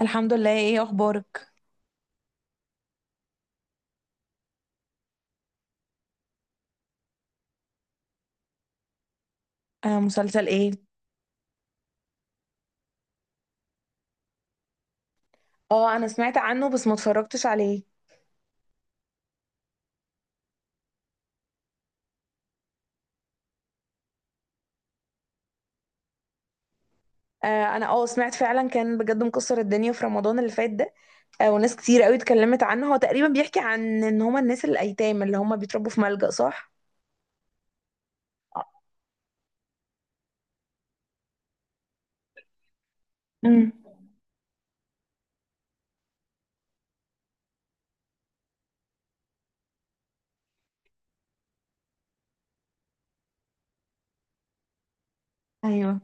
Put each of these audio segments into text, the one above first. الحمد لله. ايه اخبارك؟ آه، مسلسل ايه؟ اه، انا سمعت عنه بس ما اتفرجتش عليه. آه، انا سمعت فعلا كان بجد مكسر الدنيا في رمضان اللي فات ده. آه، وناس كتير قوي اتكلمت عنه. هو تقريبا بيحكي عن ان هما الناس الايتام اللي هما بيتربوا في ملجأ، صح؟ امم. ايوه.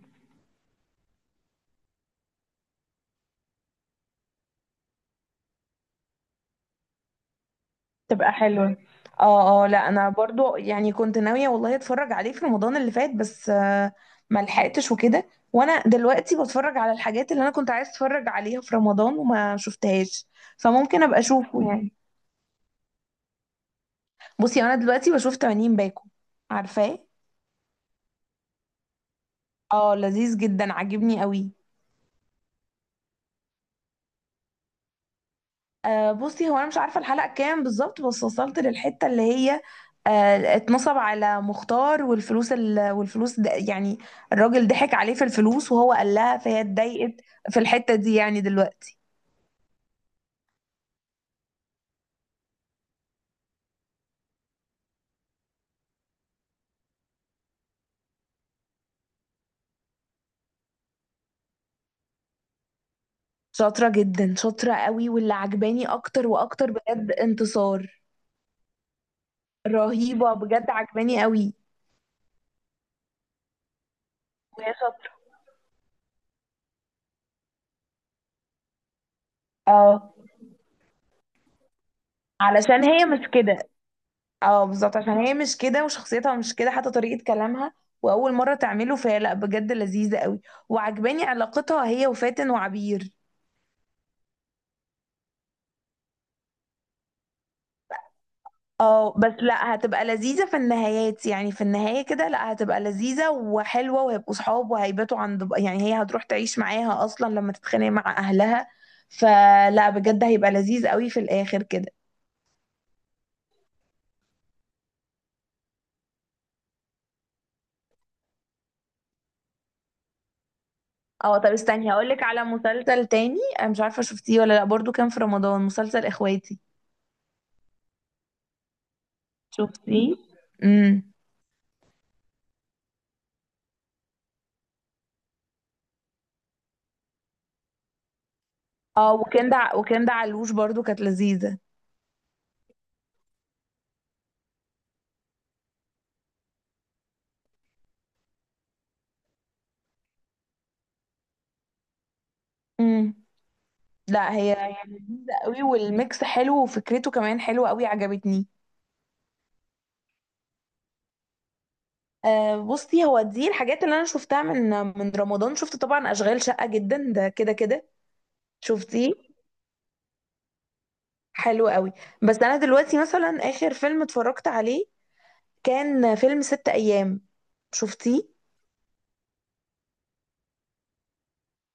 تبقى حلوة. اه، اه، لا انا برضو يعني كنت ناوية والله اتفرج عليه في رمضان اللي فات، بس ما لحقتش وكده. وانا دلوقتي بتفرج على الحاجات اللي انا كنت عايز اتفرج عليها في رمضان وما شفتهاش، فممكن ابقى اشوفه يعني. بصي، انا دلوقتي بشوف 80 باكو. عارفاه؟ اه، لذيذ جدا، عاجبني قوي. آه بصي، هو انا مش عارفه الحلقه كام بالظبط، بس وصلت للحته اللي هي اتنصب على مختار والفلوس والفلوس ده، يعني الراجل ضحك عليه في الفلوس وهو قال لها فهي اتضايقت، في الحته دي يعني دلوقتي. شاطره جدا، شاطره قوي، واللي عجباني اكتر واكتر بجد انتصار. رهيبه بجد، عجباني قوي. وهي شاطره. اه، علشان هي مش كده. اه بالظبط، عشان هي مش كده وشخصيتها مش كده، حتى طريقة كلامها وأول مرة تعمله، فهي لأ بجد لذيذة قوي. وعجباني علاقتها هي وفاتن وعبير. اه بس لأ، هتبقى لذيذة في النهايات يعني، في النهاية كده لأ هتبقى لذيذة وحلوة، وهيبقوا صحاب وهيباتوا عند، يعني هي هتروح تعيش معاها أصلا لما تتخانق مع أهلها. فلا بجد، هيبقى لذيذ قوي في الآخر كده. اه، طب استني هقولك على مسلسل تاني، انا مش عارفة شفتيه ولا لأ. برضو كان في رمضان مسلسل إخواتي، شفتيه؟ امم. اه، وكندا علوش برضو كانت لذيذة. امم. لا، هي هي لذيذة قوي، والميكس حلو وفكرته كمان حلوة قوي، عجبتني. آه بصي، هو دي الحاجات اللي انا شفتها من رمضان. شفت طبعا اشغال شقة، جدا ده كده كده. شفتيه؟ حلو قوي. بس انا دلوقتي مثلا اخر فيلم اتفرجت عليه كان فيلم ست ايام. شفتيه؟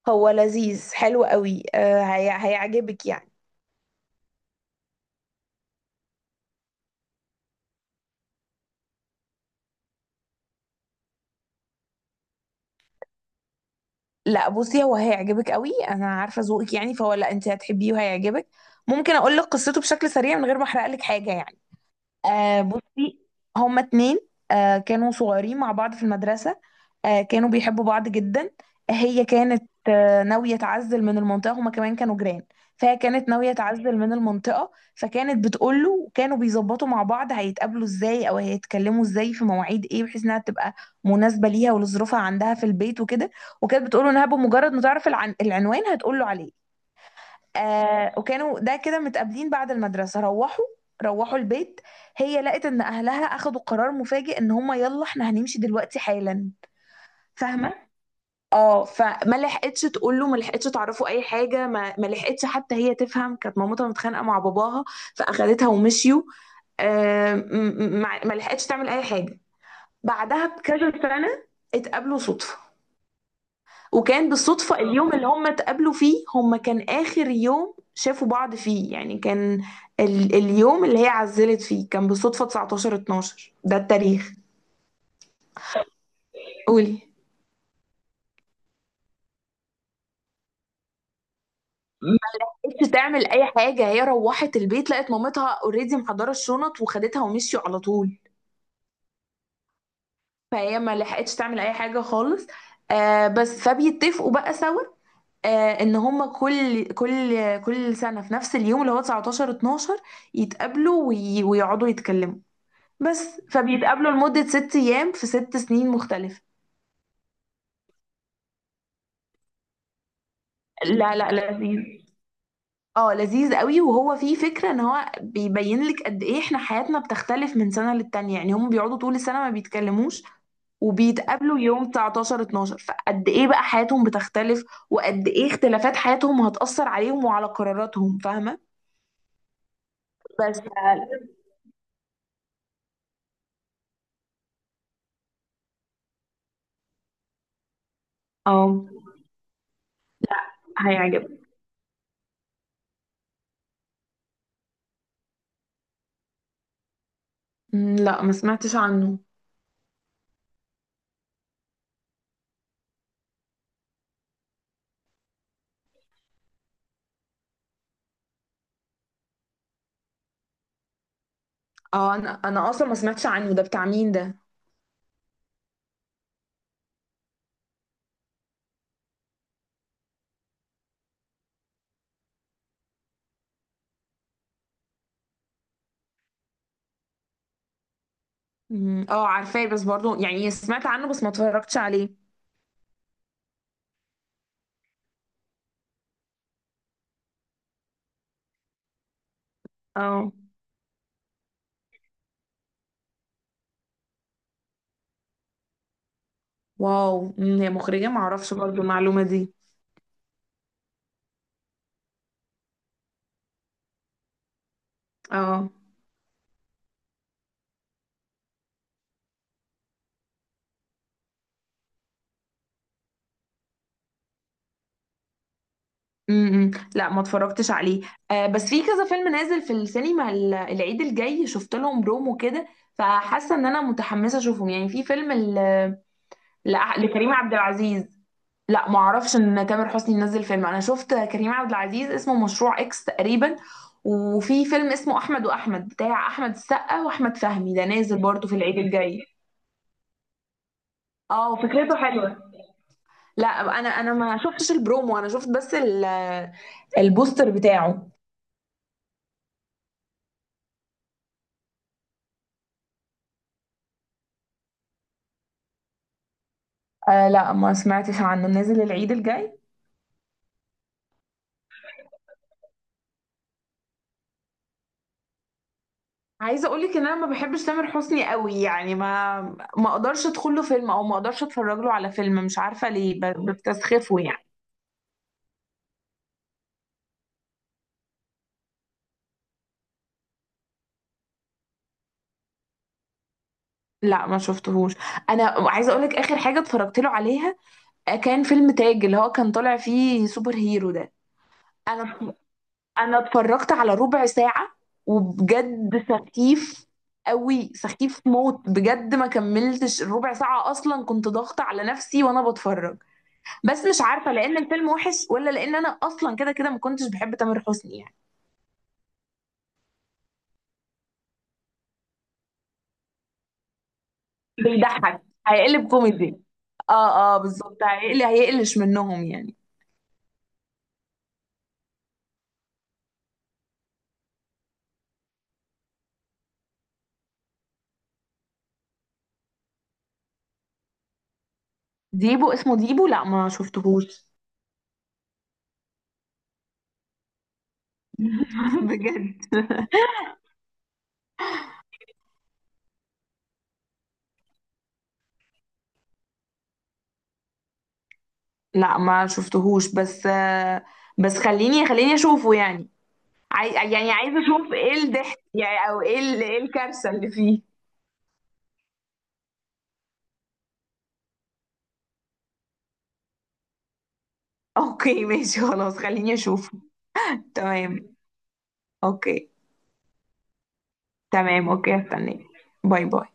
هو لذيذ حلو قوي، آه هيعجبك يعني. لا بصي، هو هيعجبك قوي، انا عارفه ذوقك يعني، فهو لا، انت هتحبيه وهيعجبك. ممكن اقول لك قصته بشكل سريع من غير ما احرق لك حاجه يعني؟ آه بصي، هما اتنين كانوا صغيرين مع بعض في المدرسة. كانوا بيحبوا بعض جدا. هي كانت ناوية تعزل من المنطقة، هما كمان كانوا جيران. فهي كانت ناوية تعزل من المنطقة، فكانت بتقول له كانوا بيظبطوا مع بعض هيتقابلوا ازاي او هيتكلموا ازاي، في مواعيد ايه، بحيث انها تبقى مناسبة ليها ولظروفها عندها في البيت وكده. وكانت بتقول له انها بمجرد ما تعرف العنوان هتقول له عليه. آه، وكانوا ده كده متقابلين بعد المدرسة. روحوا البيت، هي لقت ان اهلها اخدوا قرار مفاجئ ان هما يلا احنا هنمشي دلوقتي حالا. فاهمة؟ اه، فما لحقتش تقول له، ما لحقتش تعرفه اي حاجة، ما لحقتش حتى هي تفهم. كانت مامتها متخانقة مع باباها فاخدتها ومشيوا. ما لحقتش تعمل اي حاجة. بعدها بكذا سنة اتقابلوا صدفة. وكان بالصدفة اليوم اللي هم اتقابلوا فيه هم كان آخر يوم شافوا بعض فيه يعني، كان ال اليوم اللي هي عزلت فيه، كان بالصدفة 19 12 ده التاريخ. قولي. مش تعمل أي حاجة، هي روحت البيت لقت مامتها اوريدي محضرة الشنط وخدتها ومشيوا على طول. فهي ما لحقتش تعمل أي حاجة خالص. آه بس، فبيتفقوا بقى سوا آه ان هما كل سنة في نفس اليوم اللي هو 19 12 يتقابلوا ويقعدوا يتكلموا بس. فبيتقابلوا لمدة 6 أيام في 6 سنين مختلفة. لا لا، لذيذ. اه لذيذ قوي، وهو فيه فكرة ان هو بيبين لك قد ايه احنا حياتنا بتختلف من سنة للتانية، يعني هم بيقعدوا طول السنة ما بيتكلموش، وبيتقابلوا يوم 19 12، فقد ايه بقى حياتهم بتختلف، وقد ايه اختلافات حياتهم هتأثر عليهم وعلى قراراتهم. فاهمة؟ بس اه، هيعجبك. مم، لا، ما سمعتش عنه. اه، انا اصلا ما سمعتش عنه، ده بتاع مين ده؟ مم. اه عارفاه، بس برضو يعني سمعت عنه بس ما اتفرجتش عليه. اه، واو، مم، هي مخرجة؟ ما اعرفش برضو المعلومة دي. اه. امم، لا ما اتفرجتش عليه. آه بس، في كذا فيلم نازل في السينما العيد الجاي، شفت لهم برومو كده، فحاسة ان انا متحمسة اشوفهم يعني في فيلم. لا، لكريم عبد العزيز. لا، ما اعرفش ان تامر حسني نزل فيلم. انا شفت كريم عبد العزيز، اسمه مشروع اكس تقريبا. وفي فيلم اسمه احمد واحمد بتاع احمد السقا واحمد فهمي، ده نازل برضه في العيد الجاي. اه، وفكرته حلوه. لا، انا ما شفتش البرومو، انا شفت بس البوستر بتاعه. آه لا، ما سمعتش عنه نازل العيد الجاي. عايزه اقول لك ان انا ما بحبش تامر حسني قوي، يعني ما اقدرش ادخل له فيلم او ما اقدرش اتفرج له على فيلم، مش عارفه ليه، بستسخفه يعني. لا، ما شفتهوش. انا عايزه اقولك اخر حاجه اتفرجت له عليها، آه، كان فيلم تاج، اللي هو كان طالع فيه سوبر هيرو ده. انا انا اتفرجت على ربع ساعه، وبجد سخيف قوي، سخيف موت بجد، ما كملتش الربع ساعه اصلا، كنت ضاغطه على نفسي وانا بتفرج. بس مش عارفه لان الفيلم وحش، ولا لان انا اصلا كده كده ما كنتش بحب تامر حسني يعني. بيضحك. هيقلب كوميدي. اه اه بالظبط، هيقلش منهم يعني. ديبو، اسمه ديبو؟ لا، ما شفتهوش. بجد؟ لا، ما شفتهوش بس آه، بس خليني خليني اشوفه يعني. يعني عايزه اشوف ايه الضحك يعني، او ايه ايه الكارثه اللي فيه. اوكي، ماشي خلاص، خليني اشوفه. تمام. اوكي. تمام، اوكي، هستناك. باي باي.